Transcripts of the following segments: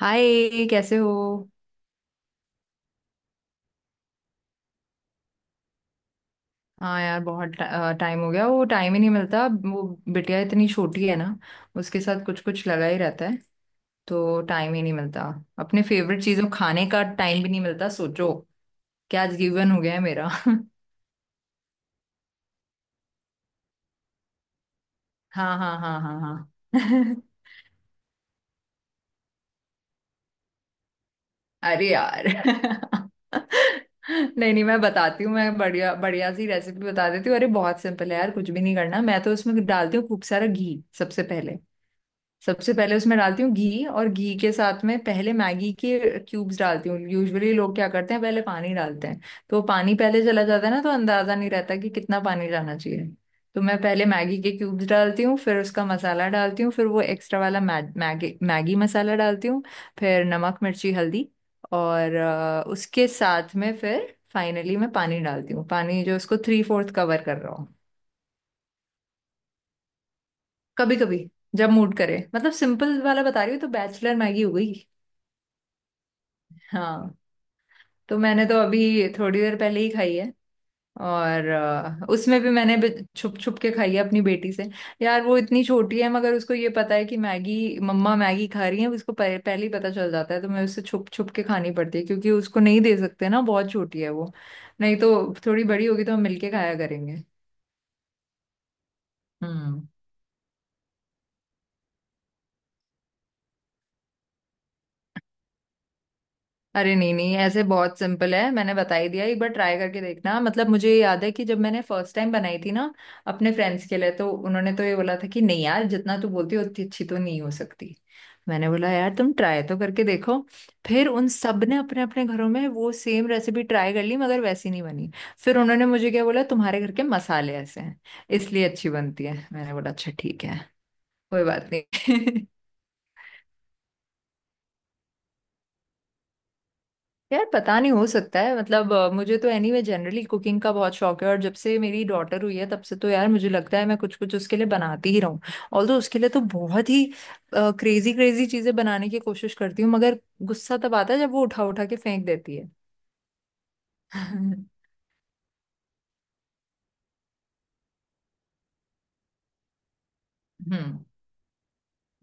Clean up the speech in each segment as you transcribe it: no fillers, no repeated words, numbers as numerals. हाय, कैसे हो। हाँ यार बहुत टाइम हो गया। वो टाइम ही नहीं मिलता। वो बिटिया इतनी छोटी है ना, उसके साथ कुछ कुछ लगा ही रहता है, तो टाइम ही नहीं मिलता। अपने फेवरेट चीजों खाने का टाइम भी नहीं मिलता, सोचो क्या जीवन हो गया है मेरा। हाँ हाँ हाँ हाँ हाँ। अरे यार। नहीं नहीं, मैं बताती हूँ। मैं बढ़िया बढ़िया सी रेसिपी बता देती हूँ। अरे बहुत सिंपल है यार, कुछ भी नहीं करना। मैं तो उसमें डालती हूँ खूब सारा घी सबसे पहले। सबसे पहले उसमें डालती हूँ घी, और घी के साथ में पहले मैगी के क्यूब्स डालती हूँ। यूजुअली लोग क्या करते हैं, पहले पानी डालते हैं, तो वो पानी पहले चला जाता है ना, तो अंदाजा नहीं रहता कि कितना पानी डालना चाहिए। तो मैं पहले मैगी के क्यूब्स डालती हूँ, फिर उसका मसाला डालती हूँ, फिर वो एक्स्ट्रा वाला मैगी मसाला डालती हूँ। फिर नमक मिर्ची हल्दी और उसके साथ में फिर फाइनली मैं पानी डालती हूँ, पानी जो उसको थ्री फोर्थ कवर कर रहा हूँ। कभी कभी जब मूड करे, मतलब सिंपल वाला बता रही हूँ तो बैचलर मैगी हो गई। हाँ तो मैंने तो अभी थोड़ी देर पहले ही खाई है। और उसमें भी मैंने छुप छुप के खाई है अपनी बेटी से। यार वो इतनी छोटी है मगर उसको ये पता है कि मैगी, मम्मा मैगी खा रही है। उसको पहले ही पता चल जाता है, तो मैं उससे छुप छुप के खानी पड़ती है, क्योंकि उसको नहीं दे सकते ना, बहुत छोटी है वो। नहीं तो थोड़ी बड़ी होगी तो हम मिलके खाया करेंगे। हम्म। अरे नहीं नहीं, ऐसे बहुत सिंपल है, मैंने बता ही दिया। एक बार ट्राई करके देखना। मतलब मुझे ये याद है कि जब मैंने फर्स्ट टाइम बनाई थी ना अपने फ्रेंड्स के लिए, तो उन्होंने तो ये बोला था कि नहीं यार, जितना तू बोलती है उतनी अच्छी तो नहीं हो सकती। मैंने बोला यार तुम ट्राई तो करके देखो। फिर उन सब ने अपने अपने घरों में वो सेम रेसिपी ट्राई कर ली, मगर वैसी नहीं बनी। फिर उन्होंने मुझे क्या बोला, तुम्हारे घर के मसाले ऐसे हैं इसलिए अच्छी बनती है। मैंने बोला अच्छा ठीक है, कोई बात नहीं। यार पता नहीं, हो सकता है। मतलब मुझे तो एनीवे जनरली कुकिंग का बहुत शौक है, और जब से मेरी डॉटर हुई है तब से तो यार मुझे लगता है मैं कुछ कुछ उसके लिए बनाती ही रहूं। ऑल, तो उसके लिए तो बहुत ही क्रेजी क्रेजी चीजें बनाने की कोशिश करती हूँ, मगर गुस्सा तब आता है जब वो उठा उठा के फेंक देती है। हम्म।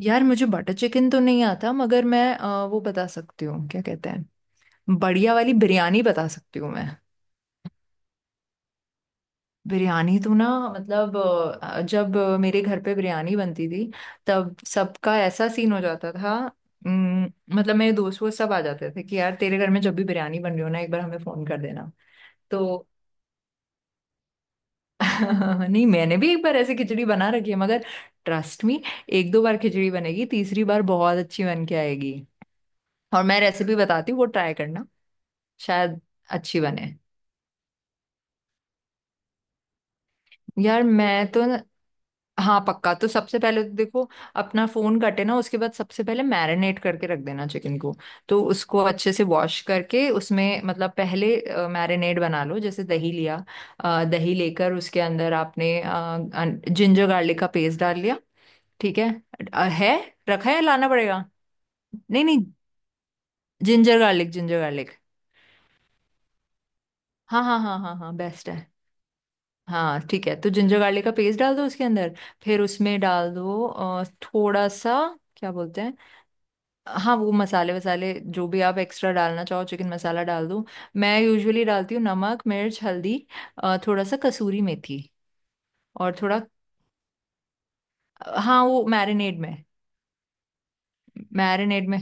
यार मुझे बटर चिकन तो नहीं आता, मगर मैं वो बता सकती हूँ, क्या कहते हैं, बढ़िया वाली बिरयानी बता सकती हूँ मैं। बिरयानी तो ना मतलब जब मेरे घर पे बिरयानी बनती थी तब सबका ऐसा सीन हो जाता था। उम, मतलब मेरे दोस्त, वो सब आ जाते थे कि यार तेरे घर में जब भी बिरयानी बन रही हो ना, एक बार हमें फोन कर देना। तो नहीं, मैंने भी एक बार ऐसे खिचड़ी बना रखी है मगर, ट्रस्ट मी, एक दो बार खिचड़ी बनेगी, तीसरी बार बहुत अच्छी बन के आएगी। और मैं रेसिपी बताती हूँ, वो ट्राई करना। शायद अच्छी बने। यार मैं तो न... हाँ पक्का। तो सबसे पहले तो देखो, अपना फोन कटे ना उसके बाद सबसे पहले मैरिनेट करके रख देना चिकन को। तो उसको अच्छे से वॉश करके उसमें, मतलब पहले मैरिनेट बना लो, जैसे दही लिया, दही लेकर उसके अंदर आपने जिंजर गार्लिक का पेस्ट डाल लिया। ठीक है। है, रखा है, लाना पड़ेगा। नहीं नहीं, जिंजर गार्लिक, जिंजर गार्लिक। हाँ हाँ हाँ हाँ हाँ, बेस्ट है। हाँ ठीक है, तो जिंजर गार्लिक का पेस्ट डाल दो उसके अंदर, फिर उसमें डाल दो थोड़ा सा, क्या बोलते हैं, हाँ वो मसाले वसाले जो भी आप एक्स्ट्रा डालना चाहो, चिकन मसाला डाल दो। मैं यूजुअली डालती हूँ नमक मिर्च हल्दी, थोड़ा सा कसूरी मेथी और थोड़ा। हाँ, वो मैरिनेड में, मैरिनेड में।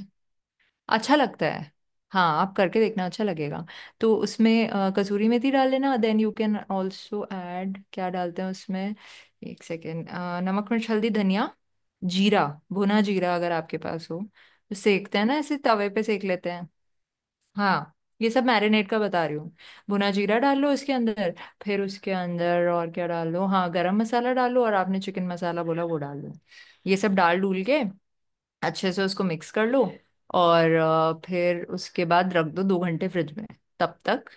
अच्छा लगता है। हाँ आप करके देखना, अच्छा लगेगा। तो उसमें कसूरी मेथी डाल लेना। Then you can also add, क्या डालते हैं उसमें, एक सेकेंड, नमक मिर्च हल्दी धनिया जीरा, भुना जीरा अगर आपके पास हो तो। सेकते हैं ना ऐसे तवे पे सेक लेते हैं। हाँ, ये सब मैरिनेट का बता रही हूँ। भुना जीरा डाल लो इसके अंदर। फिर उसके अंदर और क्या डाल लो, हाँ गरम मसाला डाल लो और आपने चिकन मसाला बोला वो डाल लो। ये सब डाल डूल के अच्छे से उसको मिक्स कर लो और फिर उसके बाद रख दो दो घंटे फ्रिज में। तब तक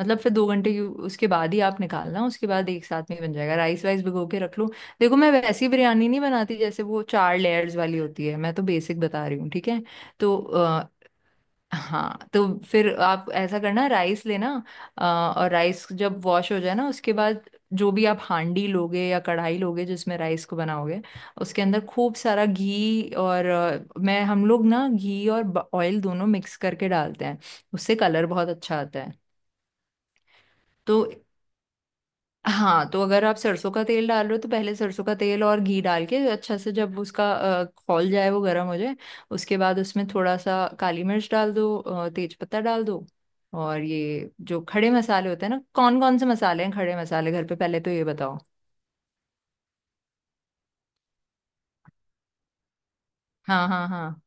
मतलब, फिर दो घंटे की उसके बाद ही आप निकालना, उसके बाद एक साथ में ही बन जाएगा। राइस वाइस भिगो के रख लो। देखो मैं वैसी बिरयानी नहीं बनाती जैसे वो चार लेयर्स वाली होती है। मैं तो बेसिक बता रही हूँ, ठीक है। तो हाँ, तो फिर आप ऐसा करना, राइस लेना, और राइस जब वॉश हो जाए ना उसके बाद, जो भी आप हांडी लोगे या कढ़ाई लोगे जिसमें राइस को बनाओगे, उसके अंदर खूब सारा घी और मैं, हम लोग ना घी और ऑयल दोनों मिक्स करके डालते हैं। उससे कलर बहुत अच्छा आता है। तो हाँ, तो अगर आप सरसों का तेल डाल रहे हो तो पहले सरसों का तेल और घी डाल के, अच्छा से जब उसका खौल जाए, वो गर्म हो जाए, उसके बाद उसमें थोड़ा सा काली मिर्च डाल दो, तेज पत्ता डाल दो। और ये जो खड़े मसाले होते हैं ना, कौन कौन से मसाले हैं खड़े मसाले घर पे, पहले तो ये बताओ। हाँ हाँ हाँ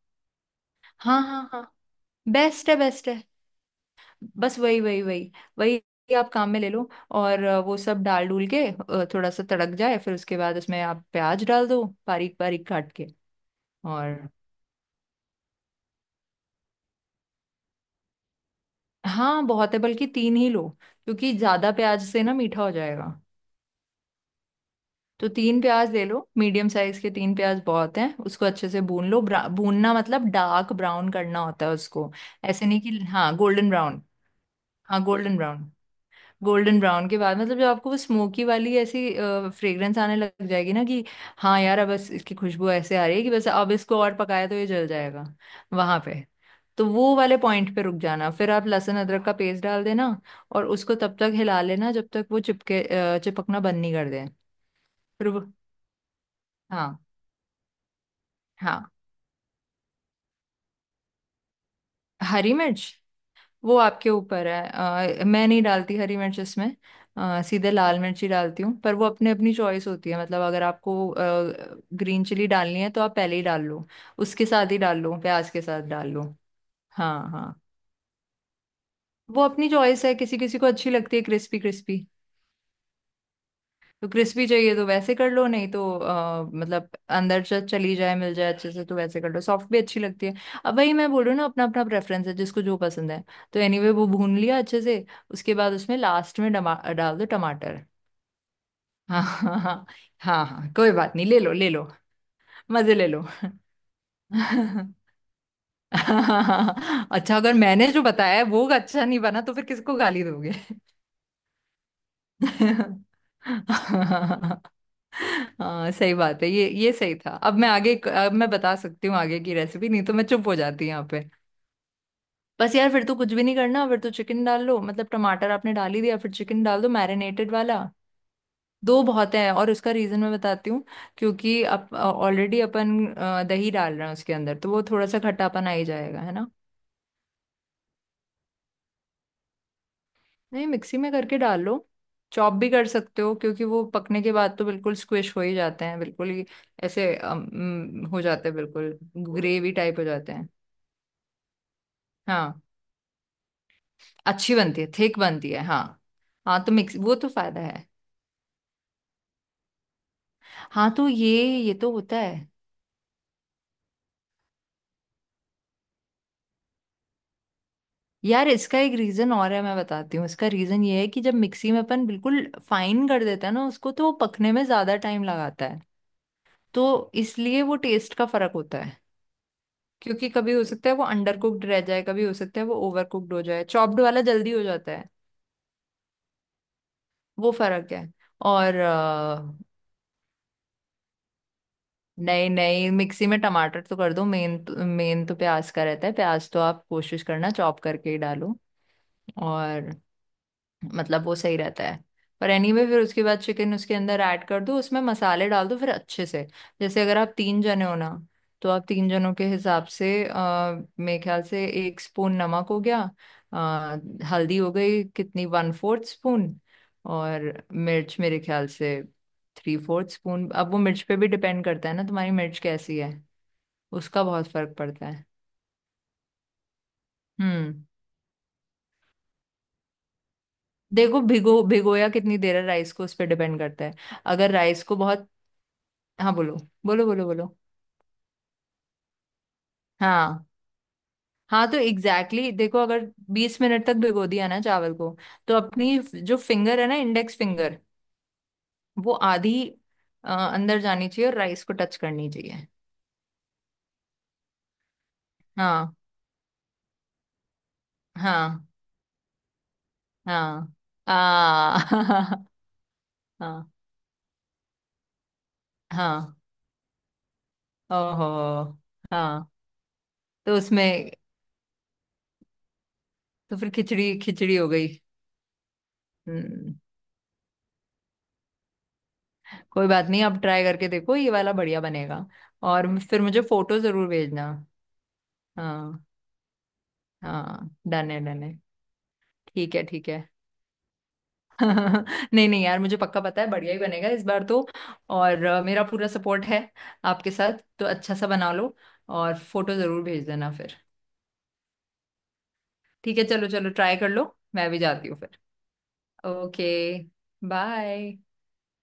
हाँ हाँ हाँ, बेस्ट है बेस्ट है। बस वही वही वही वही आप काम में ले लो, और वो सब डाल डूल के थोड़ा सा तड़क जाए, फिर उसके बाद उसमें आप प्याज डाल दो बारीक बारीक काट के। और हाँ बहुत है, बल्कि तीन ही लो, क्योंकि ज्यादा प्याज से ना मीठा हो जाएगा। तो तीन प्याज ले लो, मीडियम साइज के तीन प्याज बहुत हैं। उसको अच्छे से भून लो। भूनना मतलब डार्क ब्राउन करना होता है उसको, ऐसे नहीं कि हाँ गोल्डन ब्राउन। हाँ गोल्डन ब्राउन। गोल्डन ब्राउन के बाद मतलब जब आपको वो स्मोकी वाली ऐसी फ्रेग्रेंस आने लग जाएगी ना कि हाँ यार, अब बस इसकी खुशबू ऐसे आ रही है कि बस, अब इसको और पकाया तो ये जल जाएगा, वहां पे, तो वो वाले पॉइंट पे रुक जाना। फिर आप लहसुन अदरक का पेस्ट डाल देना, और उसको तब तक हिला लेना जब तक वो चिपकना बंद नहीं कर दे। फिर वो, हाँ हाँ। हरी मिर्च वो आपके ऊपर है। मैं नहीं डालती हरी मिर्च इसमें, सीधे लाल मिर्च ही डालती हूँ, पर वो अपने, अपनी चॉइस होती है। मतलब अगर आपको ग्रीन चिली डालनी है तो आप पहले ही डाल लो, उसके साथ ही डाल लो, प्याज के साथ डाल लो। हाँ हाँ, वो अपनी चॉइस है, किसी किसी को अच्छी लगती है क्रिस्पी क्रिस्पी। तो क्रिस्पी चाहिए तो वैसे कर लो, नहीं तो मतलब अंदर से चली जाए, मिल जाए अच्छे से, तो वैसे कर लो, सॉफ्ट भी अच्छी लगती है। अब वही मैं बोल रही हूँ ना, अपना अपना प्रेफरेंस है, जिसको जो पसंद है। तो एनीवे वो भून लिया अच्छे से, उसके बाद उसमें लास्ट में डमा डाल दो टमाटर। हाँ हाँ हाँ हाँ हाँ, कोई बात नहीं, ले लो ले लो। मजे ले लो। अच्छा, अगर मैंने जो बताया है वो अच्छा नहीं बना तो फिर किसको गाली दोगे। हाँ सही बात है, ये सही था। अब मैं आगे, अब मैं बता सकती हूँ आगे की रेसिपी, नहीं तो मैं चुप हो जाती यहाँ पे। बस यार फिर तो कुछ भी नहीं करना, फिर तो चिकन डाल लो। मतलब टमाटर आपने डाल ही दिया, फिर चिकन डाल दो मैरिनेटेड वाला। दो बहुत है, और उसका रीजन मैं बताती हूँ, क्योंकि अब ऑलरेडी अपन दही डाल रहे हैं उसके अंदर, तो वो थोड़ा सा खट्टापन आ ही जाएगा, है ना। नहीं, मिक्सी में करके डाल लो, चॉप भी कर सकते हो क्योंकि वो पकने के बाद तो बिल्कुल स्क्विश हो ही जाते हैं, बिल्कुल ही ऐसे अम, अम, हो जाते हैं बिल्कुल, ग्रेवी टाइप हो जाते हैं। हाँ अच्छी बनती है, थिक बनती है, हाँ। हाँ तो मिक्स, वो तो फायदा है। हाँ तो ये तो होता है। यार इसका एक रीजन और है, मैं बताती हूँ। इसका रीजन ये है कि जब मिक्सी में अपन बिल्कुल फाइन कर देते हैं ना उसको, तो वो पकने में ज्यादा टाइम लगाता है। तो इसलिए वो टेस्ट का फर्क होता है, क्योंकि कभी हो सकता है वो अंडर कुक्ड रह जाए, कभी हो सकता है वो ओवर कुक्ड हो जाए। चॉप्ड वाला जल्दी हो जाता है, वो फर्क है। और नहीं नहीं, मिक्सी में टमाटर तो कर दो। मेन, मेन तो प्याज का रहता है, प्याज तो आप कोशिश करना चॉप करके ही डालो। और मतलब वो सही रहता है। पर एनीवे, फिर उसके बाद चिकन उसके अंदर ऐड कर दो, उसमें मसाले डाल दो फिर अच्छे से। जैसे अगर आप तीन जने हो ना, तो आप तीन जनों के हिसाब से मेरे ख्याल से एक स्पून नमक हो गया, आ, हल्दी हो गई कितनी, वन फोर्थ स्पून, और मिर्च मेरे ख्याल से थ्री फोर्थ स्पून। अब वो मिर्च पे भी डिपेंड करता है ना, तुम्हारी मिर्च कैसी है, उसका बहुत फर्क पड़ता है। हम्म। देखो, भिगोया कितनी देर है राइस को, उस पर डिपेंड करता है। अगर राइस को बहुत, हाँ बोलो बोलो। हाँ हाँ, तो एग्जैक्टली देखो, अगर 20 मिनट तक भिगो दिया ना चावल को, तो अपनी जो फिंगर है ना, इंडेक्स फिंगर, वो आधी अंदर जानी चाहिए और राइस को टच करनी चाहिए। हाँ हाँ हाँ। आ हाँ हाँ। ओहो। हाँ तो उसमें, तो फिर खिचड़ी खिचड़ी हो गई। हम्म। कोई बात नहीं, अब ट्राई करके देखो, ये वाला बढ़िया बनेगा। और फिर मुझे फोटो जरूर भेजना। हाँ हाँ, डन है डन है। ठीक है ठीक है। नहीं नहीं यार, मुझे पक्का पता है बढ़िया ही बनेगा इस बार तो। और मेरा पूरा सपोर्ट है आपके साथ, तो अच्छा सा बना लो, और फोटो जरूर भेज देना फिर। ठीक है चलो चलो, ट्राई कर लो, मैं भी जाती हूँ फिर। Okay, bye.